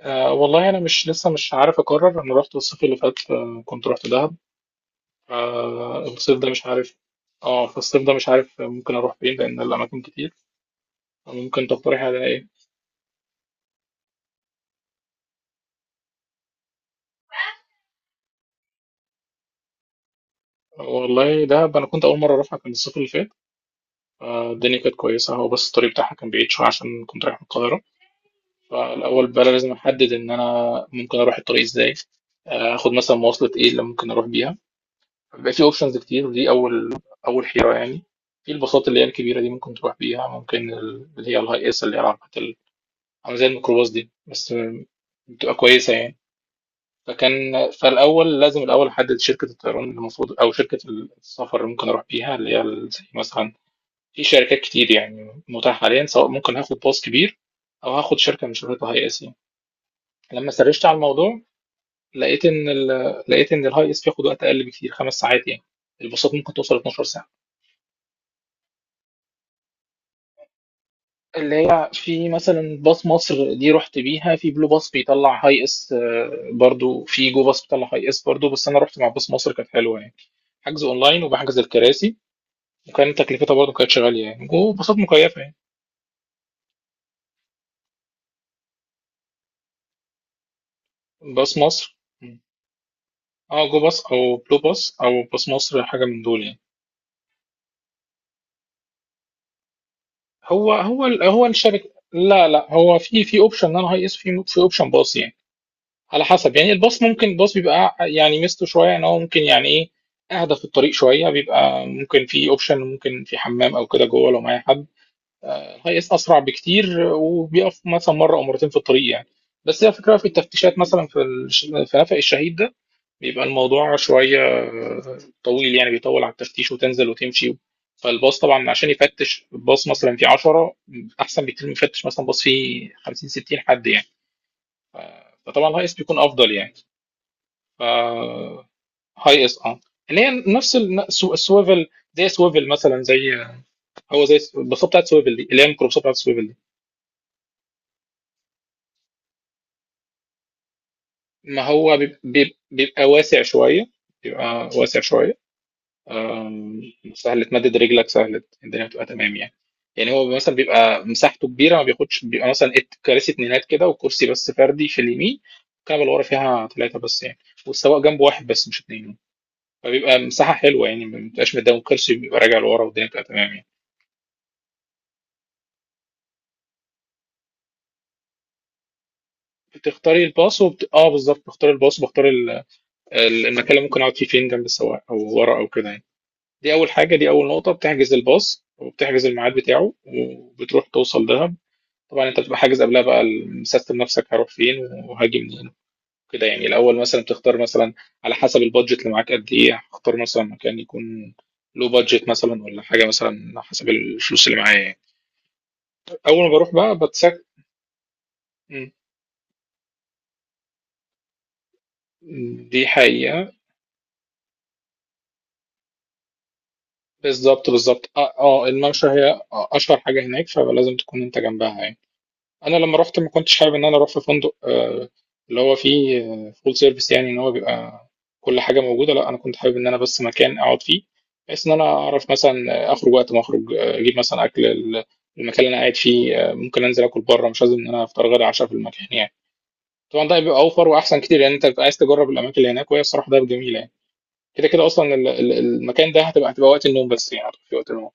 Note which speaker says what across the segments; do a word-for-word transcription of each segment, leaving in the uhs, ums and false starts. Speaker 1: أه والله انا مش لسه مش عارف اقرر. انا رحت الصيف اللي فات، آه، كنت رحت دهب. آه، الصيف ده مش عارف. اه فالصيف ده مش عارف ممكن اروح فين لان الاماكن كتير. ممكن تقترح على ايه؟ والله دهب انا كنت اول مره اروحها كان الصيف اللي فات، آه، الدنيا كانت كويسه، هو بس الطريق بتاعها كان بعيد شويه عشان كنت رايح من القاهره. فالاول بقى لازم احدد ان انا ممكن اروح الطريق ازاي، آه، اخد مثلا مواصله ايه اللي ممكن اروح بيها. بيبقى في اوبشنز كتير ودي اول اول حيره يعني. في الباصات اللي هي الكبيره دي ممكن تروح بيها، ممكن ال- اللي هي الهاي اس، اللي هي العربيات ال- عامله زي الميكروباص دي، بس بتبقى كويسه يعني. فكان فالاول لازم الاول احدد شركه الطيران اللي المفروض او شركه السفر اللي ممكن اروح بيها، اللي هي ال- زي مثلا، في شركات كتير يعني متاحه حاليا، سواء ممكن هاخد باص كبير او هاخد شركه من شركات الهاي اس يعني. لما سرشت على الموضوع لقيت ان ال... لقيت ان الهاي اس بياخد وقت اقل بكتير، خمس ساعات يعني. الباصات ممكن توصل اتناشر ساعه. اللي هي في مثلا باص مصر، دي رحت بيها، في بلو باص بيطلع هاي اس، آه، برضو في جو باص بيطلع هاي اس برضو، بس انا رحت مع باص مصر، كانت حلوه يعني. حجز اونلاين وبحجز الكراسي، وكان تكلفتها برضو كانت غاليه يعني، جو باصات مكيفه يعني. باص مصر. مم. اه، جو باص او بلو باص او باص مصر، حاجه من دول يعني. هو هو ال- هو الشركه. لا لا، هو في في اوبشن ان انا هاي اس، في في اوبشن باص يعني، على حسب يعني. الباص ممكن الباص بيبقى يعني ميزته شويه ان هو ممكن يعني ايه، اهدى في الطريق شويه. بيبقى ممكن في اوبشن، ممكن في حمام او كده جوه لو معايا حد. الهاي اس اسرع بكتير وبيقف مثلا مره او مرتين في الطريق يعني. بس هي الفكره في التفتيشات مثلا في الش- في نفق الشهيد ده، بيبقى الموضوع شويه طويل يعني، بيطول على التفتيش وتنزل وتمشي. فالباص طبعا عشان يفتش باص مثلا فيه عشرة، احسن بكتير من يفتش مثلا باص فيه خمسين ستين حد يعني. فطبعا الهاي اس بيكون افضل يعني. آه. هاي اس، اه، اللي هي نفس الن- سو- السويفل، زي سويفل مثلا، زي آه، هو زي البساطه بتاعت سويفل دي، اللي هي الميكروبساطه بتاعت سويفل دي. ما هو بيب- بيب- بيبقى واسع شويه، بيبقى واسع شويه آم، سهل تمدد رجلك، سهل، الدنيا بتبقى تمام يعني. يعني هو مثلا بيبقى مساحته كبيره، ما بياخدش. بيبقى مثلا ات- كراسي اتنينات كده وكرسي بس فردي في اليمين، الكنبه اللي ورا فيها ثلاثه بس يعني، والسواق جنبه واحد بس مش اتنين. فبيبقى مساحه حلوه يعني، ما بتبقاش مدام كرسي بيبقى راجع لورا، والدنيا بتبقى تمام يعني. بتختاري الباص وبت... اه بالظبط، بختار الباص وبختار ال... ال- المكان اللي ممكن اقعد فيه فين، جنب السواق او ورا او كده يعني. دي اول حاجه، دي اول نقطه، بتحجز الباص وبتحجز الميعاد بتاعه وبتروح توصل دهب. طبعا انت بتبقى حاجز قبلها بقى، مسستم نفسك هروح فين وهاجي منين كده يعني. الاول مثلا بتختار مثلا على حسب البادجت اللي معاك قد ايه، هختار مثلا مكان يكون، لو بادجت مثلا ولا حاجه، مثلا على حسب الفلوس اللي معايا يعني. اول ما بروح بقى بتسك. م. دي حقيقه. بالظبط بالظبط، اه آه، الممشى هي اشهر حاجه هناك، فلازم تكون انت جنبها يعني. انا لما رحت ما كنتش حابب ان انا اروح في فندق، آه، اللي هو فيه فول سيرفيس يعني، ان هو بيبقى كل حاجه موجوده. لا، انا كنت حابب ان انا بس مكان اقعد فيه، بحيث ان انا اعرف مثلا اخرج وقت ما اخرج، آه، اجيب مثلا اكل ال- المكان اللي انا قاعد فيه، آه، ممكن انزل اكل بره، مش لازم ان انا افطر غدا عشاء في المكان يعني. طبعا ده بيبقى اوفر واحسن كتير، لان انت بتبقى عايز تجرب الاماكن اللي هناك، وهي الصراحه ده جميله يعني. كده كده اصلا ال- ال- المكان ده هتبقى هتبقى وقت النوم بس يعني، هتبقى في وقت النوم.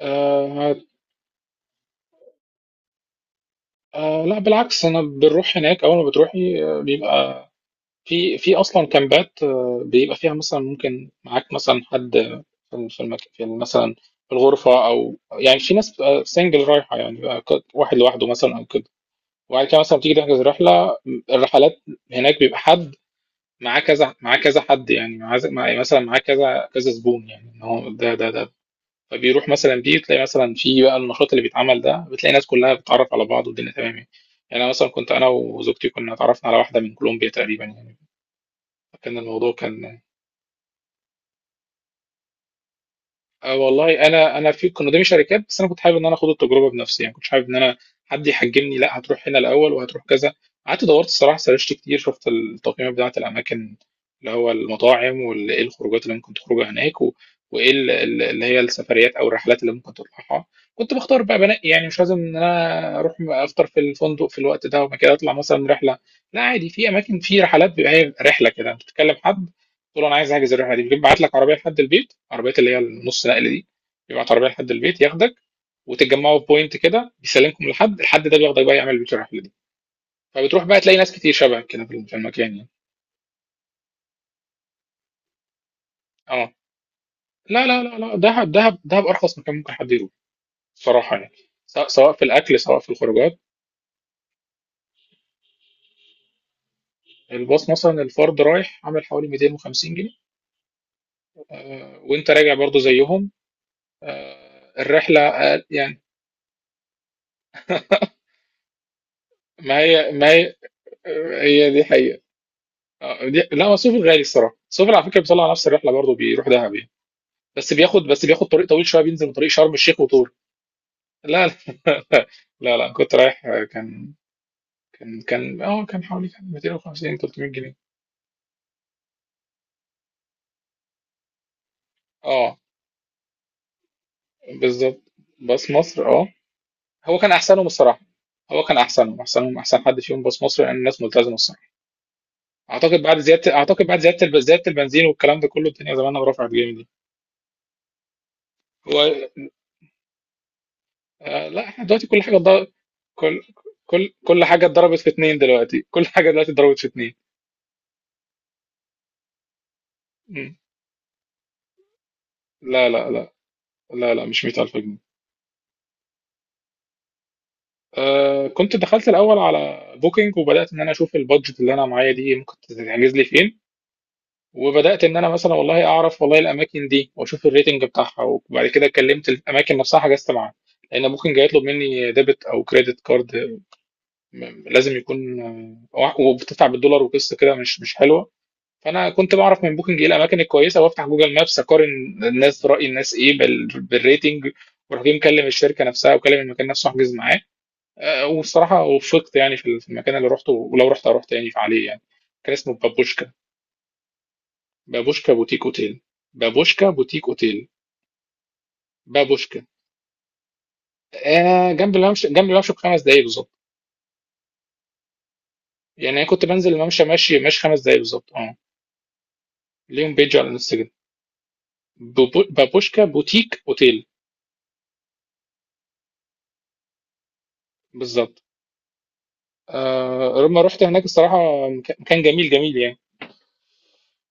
Speaker 1: آه. آه لا بالعكس، انا بنروح هناك. اول ما بتروحي، آه، بيبقى في في اصلا كامبات، آه، بيبقى فيها مثلا ممكن معاك مثلا حد في في المك... في مثلا في الغرفه، او يعني في ناس سنجل رايحه يعني، بيبقى ك- واحد لوحده مثلا او كده. وبعد كده مثلا بتيجي تحجز رحله. الرحلات هناك بيبقى حد معاه كذا، معاه كذا حد يعني، معاه معاه- مثلا معاه كذا كذا زبون يعني، إن هو ده ده ده. فبيروح مثلا، دي تلاقي مثلا في بقى النشاط اللي بيتعمل ده، بتلاقي ناس كلها بتتعرف على بعض والدنيا تمام يعني. يعني انا مثلا كنت، انا وزوجتي كنا اتعرفنا على واحده من كولومبيا تقريبا يعني. كان الموضوع كان، آه والله انا انا في كنا قدامي شركات، بس انا كنت حابب ان انا اخد التجربه بنفسي يعني. كنت حابب ان انا حد يحجمني، لا هتروح هنا الاول وهتروح كذا. قعدت دورت الصراحه، سرشت كتير، شفت التقييمات بتاعه الاماكن، اللي هو المطاعم وايه الخروجات اللي ممكن تخرجها هناك، و... وايه ال- ال- اللي هي السفريات او الرحلات اللي ممكن تطلعها. كنت بختار بقى، بنقي يعني. مش لازم ان انا اروح افطر في الفندق في الوقت ده وبعد كده اطلع مثلا رحله، لا عادي. في اماكن، في رحلات، بيبقى هي رحله كده انت بتتكلم حد، قلت له انا عايز احجز الرحله دي، بيبعت لك عربيه لحد البيت، عربيات اللي هي النص نقل دي، بيبعت عربيه لحد البيت ياخدك وتتجمعوا في بوينت كده، بيسلمكم لحد الحد ده، بياخدك بقى يعمل بيك الرحله دي. فبتروح بقى تلاقي ناس كتير شبهك كده في في المكان يعني. اه. لا لا لا لا، دهب دهب دهب ارخص مكان ممكن حد يروح صراحه يعني، سواء سواء في الاكل، سواء في الخروجات. الباص مثلا الفرد رايح عامل حوالي مئتين وخمسين جنيه، وانت راجع برضو زيهم. الرحله أقل- يعني ما هي ما هي هي دي حقيقة. آه، دي- لا هو سوفل غالي الصراحه. سوفل على فكره بيطلع نفس الرحله برضه، بيروح دهب يعني، بس بياخد بس بياخد طريق طويل شويه، بينزل من طريق شرم الشيخ وطور. لا لا لا, لا. كنت رايح، آه، كان كان كان اه كان حوالي كان مئتين وخمسين تلت مية جنيه. اه، بالظبط، باص مصر، اه. هو كان احسنهم الصراحه. هو كان احسنهم، احسنهم احسن حد فيهم باص مصر، لان الناس ملتزمه الصراحه. اعتقد بعد زياده، اعتقد بعد زياده الب- زياده البنزين والكلام ده كله، الدنيا زمانها رفعت جامد يعني. هو آه، لا احنا دلوقتي كل حاجه ضرب، كل كل كل حاجه اتضربت في اتنين. دلوقتي كل حاجه دلوقتي اتضربت في اتنين. مم. لا لا، لا لا لا مش مية ألف جنيه. آه كنت دخلت الاول على بوكينج وبدات ان انا اشوف البادجت اللي انا معايا دي ممكن تتحجز لي فين، وبدات ان انا مثلا والله اعرف والله الاماكن دي، واشوف الريتنج بتاعها، وبعد كده كلمت الاماكن نفسها حجزت معاها. لان بوكينج هيطلب مني ديبت او كريدت كارد، م- لازم يكون. آه، وبتدفع بالدولار وقصه كده، مش مش حلوه. فانا كنت بعرف من بوكينج ايه الاماكن الكويسه، وافتح جوجل مابس اقارن الناس، راي الناس ايه بال- بالريتنج، وراح جاي مكلم الشركه نفسها وكلم المكان نفسه احجز معاه. آه، والصراحه وفقت يعني في في المكان اللي رحته، ولو رحت اروح تاني عليه يعني. كان اسمه بابوشكا. بابوشكا بوتيك اوتيل. بابوشكا بوتيك اوتيل. بابوشكا. آه، جنب الممشى، جنب الممشى بخمس دقايق بالظبط. يعني انا كنت بنزل الممشى ماشي ماشي خمس دقايق بالظبط، اه. ليهم بيج على الانستجرام. بابو- بابوشكا بوتيك اوتيل. بالظبط. آه لما رحت هناك الصراحة، مك- مكان جميل جميل يعني.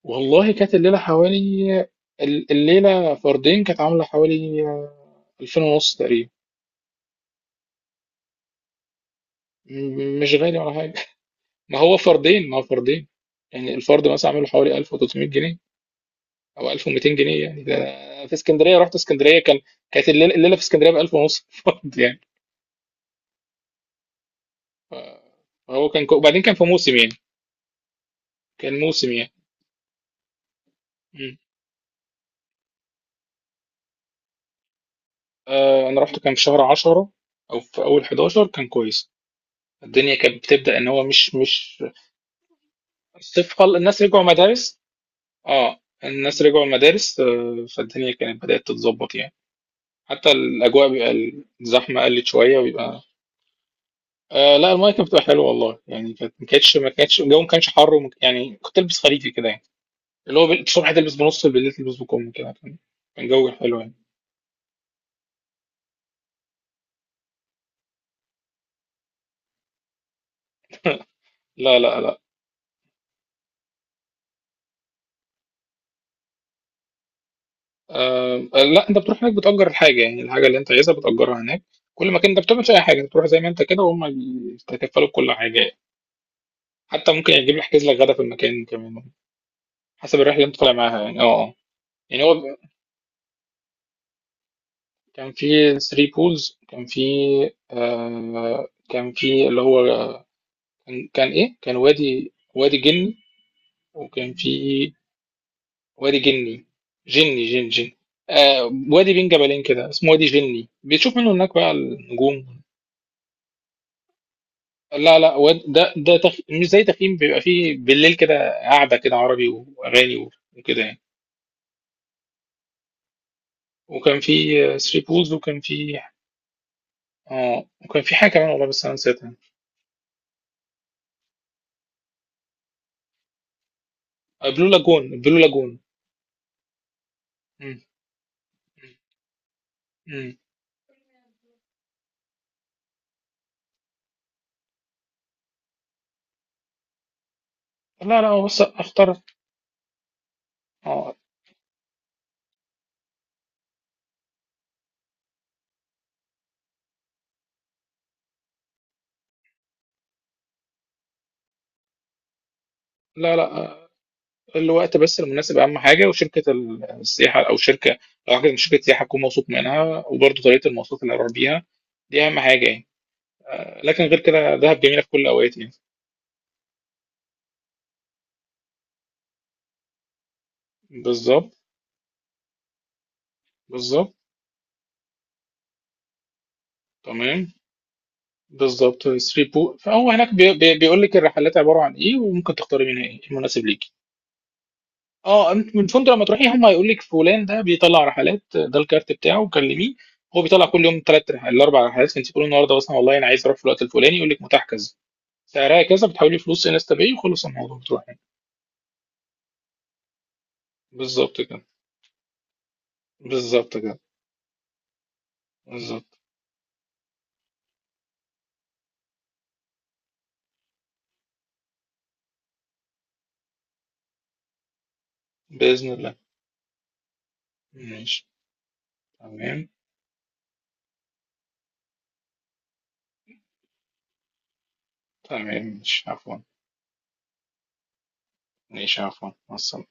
Speaker 1: والله كانت الليلة حوالي، ال- الليلة فردين كانت عاملة حوالي ألفين ونص تقريبا. م- مش غالي ولا حاجة. ما هو فردين، ما هو فردين يعني الفرد مثلا عامله حوالي ألف وتلت مية جنيه، أو ألف ومئتين جنيه يعني ده. أنا في اسكندرية، رحت اسكندرية كان، كانت الليلة, الليلة في اسكندرية ب ألف ونص فرد يعني. هو كان كو... وبعدين كان في موسم يعني، كان موسم يعني. م. آه، أنا رحت كان في شهر أكتوبر أو في أول حداشر، كان كويس. الدنيا كانت بتبدأ ان هو مش مش. الصيف خل... الناس رجعوا مدارس. اه الناس رجعوا المدارس، آه، فالدنيا كانت بدأت تتظبط يعني. حتى الأجواء بيبقى الزحمة قلت شوية ويبقى. آه، لا، المايه كانت بتبقى حلوه والله يعني. كانت ما كانتش ما كانتش الجو ما كانش حر وما- يعني كنت البس خريفي كده يعني، اللي هو بال- الصبح تلبس بنص، بالليل تلبس بكم كده. كان كان جو حلو يعني. لا لا لا. آه، لا انت بتروح هناك بتأجر الحاجة يعني، الحاجة اللي انت عايزها بتأجرها هناك. كل مكان انت بتعمل فيه اي حاجة بتروح زي ما انت كده، وهم بيتكفلوا بكل حاجة. حتى ممكن يجيب يحجز لك غدا في المكان كمان، حسب الرحله اللي انت طالع معاها يعني، اه آه. يعني هو ب- كان في ثري بولز، كان في، آه كان في اللي هو، كان, كان ايه كان وادي وادي جني، وكان في. وادي جني. جني جن جن. آه وادي بين جبلين كده اسمه وادي جني، بتشوف منه هناك بقى النجوم. لا لا، واد- ده ده تخ... مش زي تخييم. بيبقى فيه بالليل كده قاعده كده عربي واغاني وكده يعني. وكان في ثري بولز، وكان في، اه وكان في حاجه كمان والله بس انا نسيتها. آه، بلو لاجون، بلو لاجون مم. مم. لا لا، بص اختار، اه لا لا آه، الوقت بس المناسب اهم حاجه، وشركه السياحه او شركه، لو حاجه من شركه سياحه اكون موثوق منها، وبرضه طريقه المواصلات اللي هروح بيها، دي اهم حاجه يعني. لكن غير كده دهب جميله في كل الاوقات يعني. بالظبط بالظبط. تمام. بالظبط. ثري بو، فهو هناك بي بي بيقول لك الرحلات عباره عن ايه، وممكن تختاري منها ايه المناسب ليك. اه انت من فندق لما تروحي هم هيقول لك فلان ده بيطلع رحلات، ده الكارت بتاعه، كلميه. هو بيطلع كل يوم ثلاث رحلات، الاربع رحلات، انت تقولي النهارده مثلا والله انا عايز اروح في الوقت الفلاني، يقول لك متاح كذا، سعرها كذا، بتحولي فلوس انستا باي وخلص الموضوع بتروحي. بالظبط كده. بالظبط كده. بالظبط. باذن الله. ماشي. تمام. تمام مش عفوا. ماشي عفوا، مع السلامه.